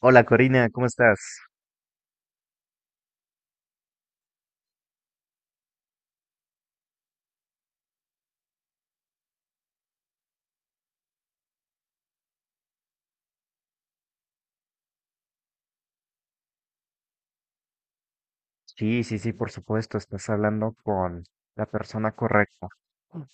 Hola Corina, ¿cómo estás? Sí, sí, sí, por supuesto, estás hablando con la persona correcta.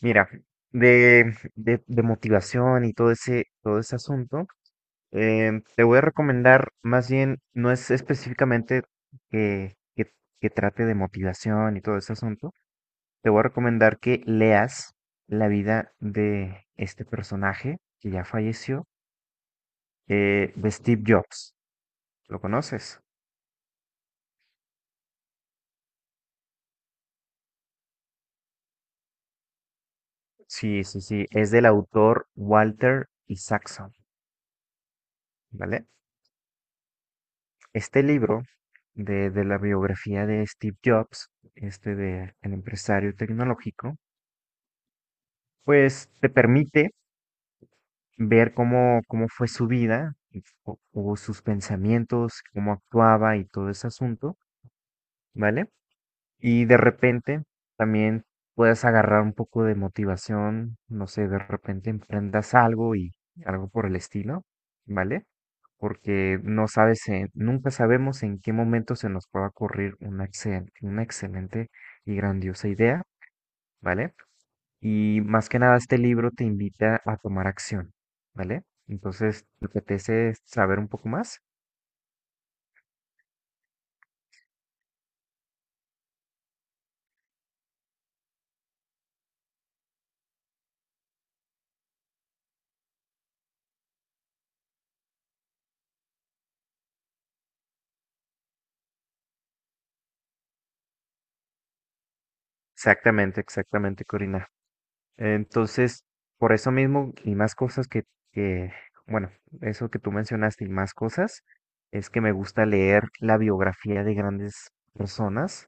Mira, de motivación y todo ese asunto, te voy a recomendar, más bien, no es específicamente que, que, que trate de motivación y todo ese asunto, te voy a recomendar que leas la vida de este personaje que ya falleció, de Steve Jobs. ¿Lo conoces? Sí, sí, sí, es del autor Walter Isaacson, ¿vale? Este libro de la biografía de Steve Jobs, este de el empresario tecnológico, pues te permite ver cómo fue su vida, y o sus pensamientos, cómo actuaba y todo ese asunto, ¿vale? Y de repente también puedes agarrar un poco de motivación, no sé, de repente emprendas algo y algo por el estilo, ¿vale? Porque no sabes, nunca sabemos en qué momento se nos pueda ocurrir una, una excelente y grandiosa idea, ¿vale? Y más que nada este libro te invita a tomar acción, ¿vale? Entonces, ¿te apetece saber un poco más? Exactamente, exactamente, Corina. Entonces, por eso mismo y más cosas que, bueno, eso que tú mencionaste y más cosas, es que me gusta leer la biografía de grandes personas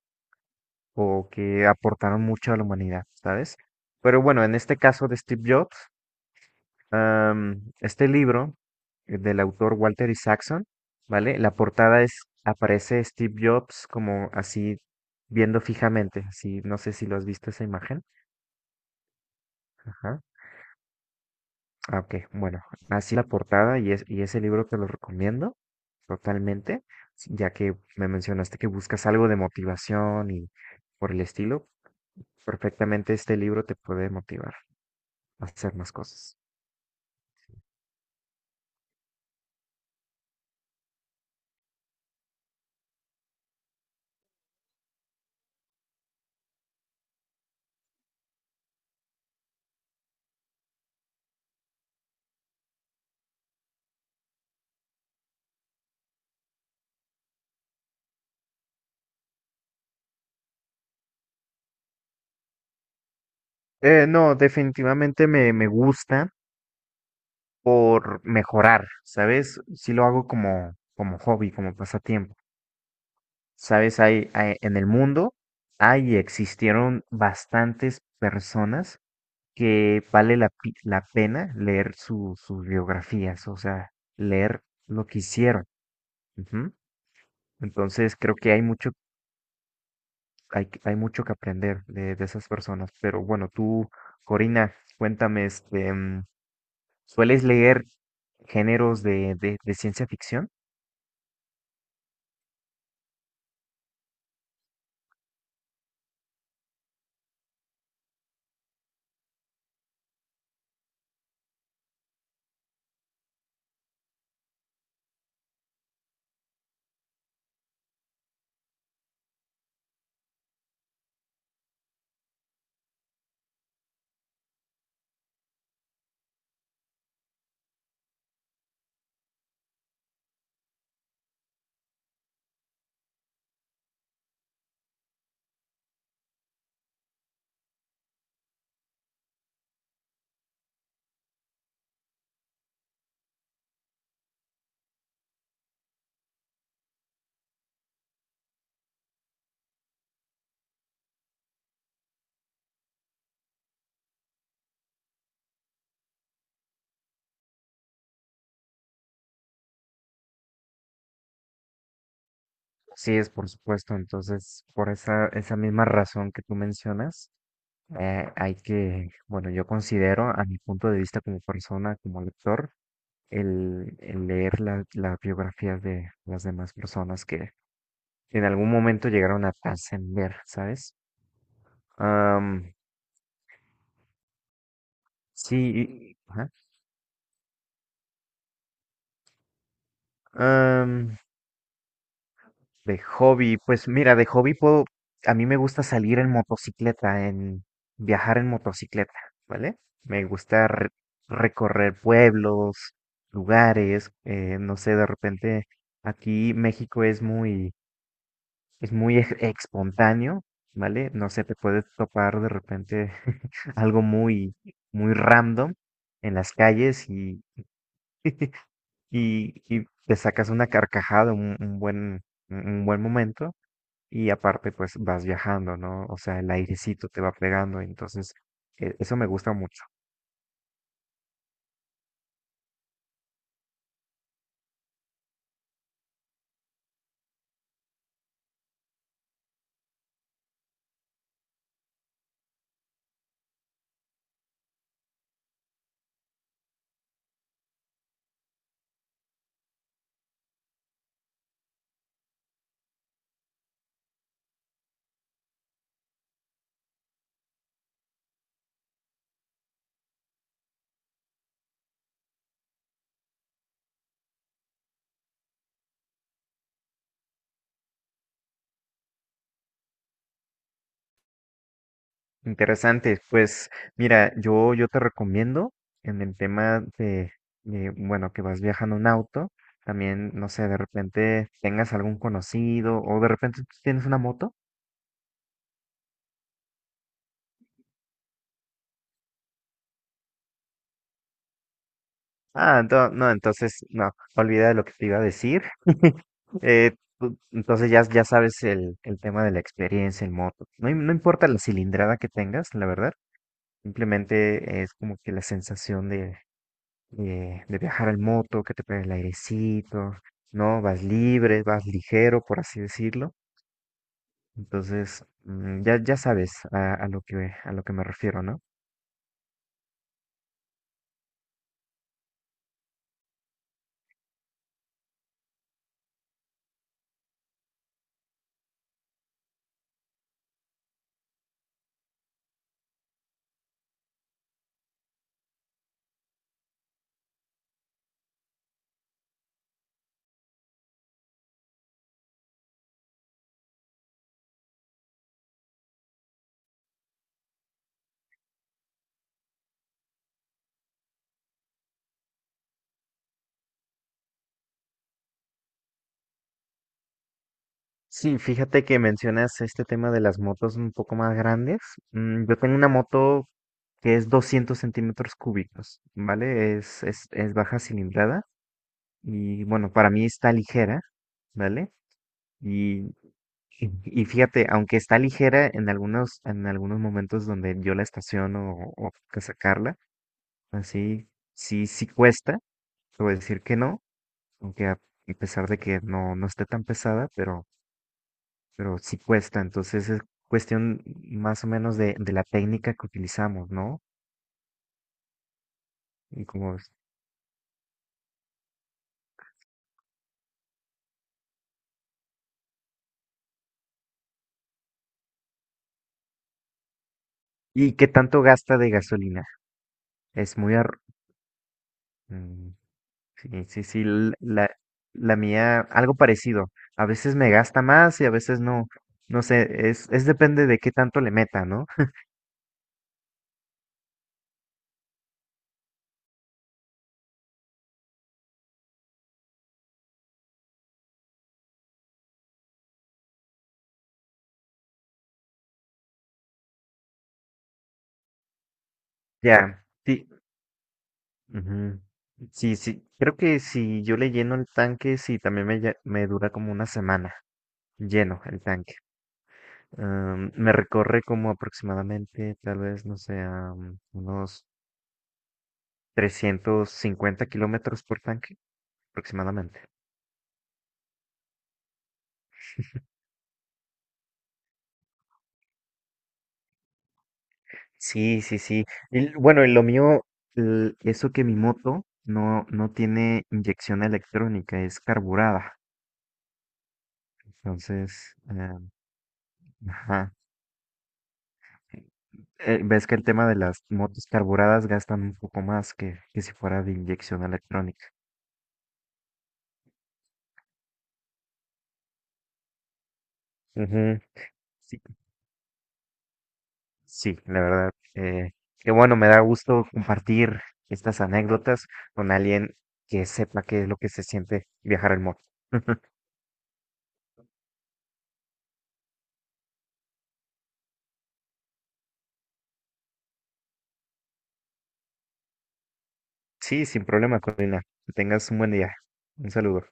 o que aportaron mucho a la humanidad, ¿sabes? Pero bueno, en este caso de Steve Jobs, este libro del autor Walter Isaacson, ¿vale? La portada es, aparece Steve Jobs como así viendo fijamente, así, no sé si lo has visto esa imagen, ajá. Ah, ok. Bueno, así la portada y, es, y ese libro te lo recomiendo totalmente, ya que me mencionaste que buscas algo de motivación y por el estilo, perfectamente este libro te puede motivar a hacer más cosas. No, definitivamente me gusta por mejorar, ¿sabes? Si lo hago como, como hobby, como pasatiempo. ¿Sabes? En el mundo hay y existieron bastantes personas que vale la pena leer sus biografías, o sea, leer lo que hicieron. Ujú. Entonces, creo que hay mucho, hay mucho que aprender de esas personas. Pero bueno, tú, Corina, cuéntame, este, ¿sueles leer géneros de ciencia ficción? Sí, es por supuesto. Entonces, por esa, esa misma razón que tú mencionas, hay que, bueno, yo considero a mi punto de vista como persona, como lector, el leer las biografías de las demás personas que en algún momento llegaron a trascender, ¿sabes? Am, sí, y- ajá. Am, de hobby, pues mira, de hobby puedo, a mí me gusta salir en motocicleta, en viajar en motocicleta, ¿vale? Me gusta recorrer pueblos, lugares, no sé, de repente aquí México es muy es espontáneo, ¿vale? No sé, te puedes topar de repente algo muy, muy random en las calles y, y te sacas una carcajada, un buen, un buen momento y aparte pues vas viajando, ¿no? O sea, el airecito te va pegando, entonces eso me gusta mucho. Interesante, pues mira, yo te recomiendo en el tema de, bueno, que vas viajando en auto, también, no sé, de repente tengas algún conocido o de repente tú tienes una moto. Ah, no, entonces, no, olvida de lo que te iba a decir. Eh, tú- entonces ya, ya sabes el tema de la experiencia en moto. No, no importa la cilindrada que tengas, la verdad, simplemente es como que la sensación de viajar en moto, que te pega el airecito, ¿no? Vas libre, vas ligero, por así decirlo. Entonces, mm, ya, ya sabes a lo que me refiero, ¿no? Sí, fíjate que mencionas este tema de las motos un poco más grandes. Mm, yo tengo una moto que es 200 cc, ¿vale? Es baja cilindrada y bueno, para mí está ligera, ¿vale? Y y, y fíjate, aunque está ligera en algunos momentos donde yo la estaciono o que sacarla, así sí, sí cuesta, te voy a decir que no, aunque a pesar de que no, no esté tan pesada, pero sí cuesta. Entonces es cuestión más o menos de la técnica que utilizamos, ¿no? Y como, y qué tanto gasta de gasolina. Es sí, sí, sí, la mía, algo parecido. A veces me gasta más y a veces no. No sé, es depende de qué tanto le meta, ¿no? Ya, sí. Ujú. Sí, sí. Creo que si yo le lleno el tanque, sí, también me dura como una semana lleno el tanque. Am, me recorre como aproximadamente, tal vez, no sé, am, unos 350 km por tanque, aproximadamente. Sí, sí, sí. Y bueno, y lo mío, eso que mi moto no, no tiene inyección electrónica, es carburada. Entonces, ajá. Ves que el tema de las motos carburadas gastan un poco más que si fuera de inyección electrónica. Ujú. Sí, sí, la verdad. Que bueno, me da gusto compartir estas anécdotas con alguien que sepa qué es lo que se siente viajar en moto. Sí, sin problema, Corina. Que tengas un buen día. Un saludo.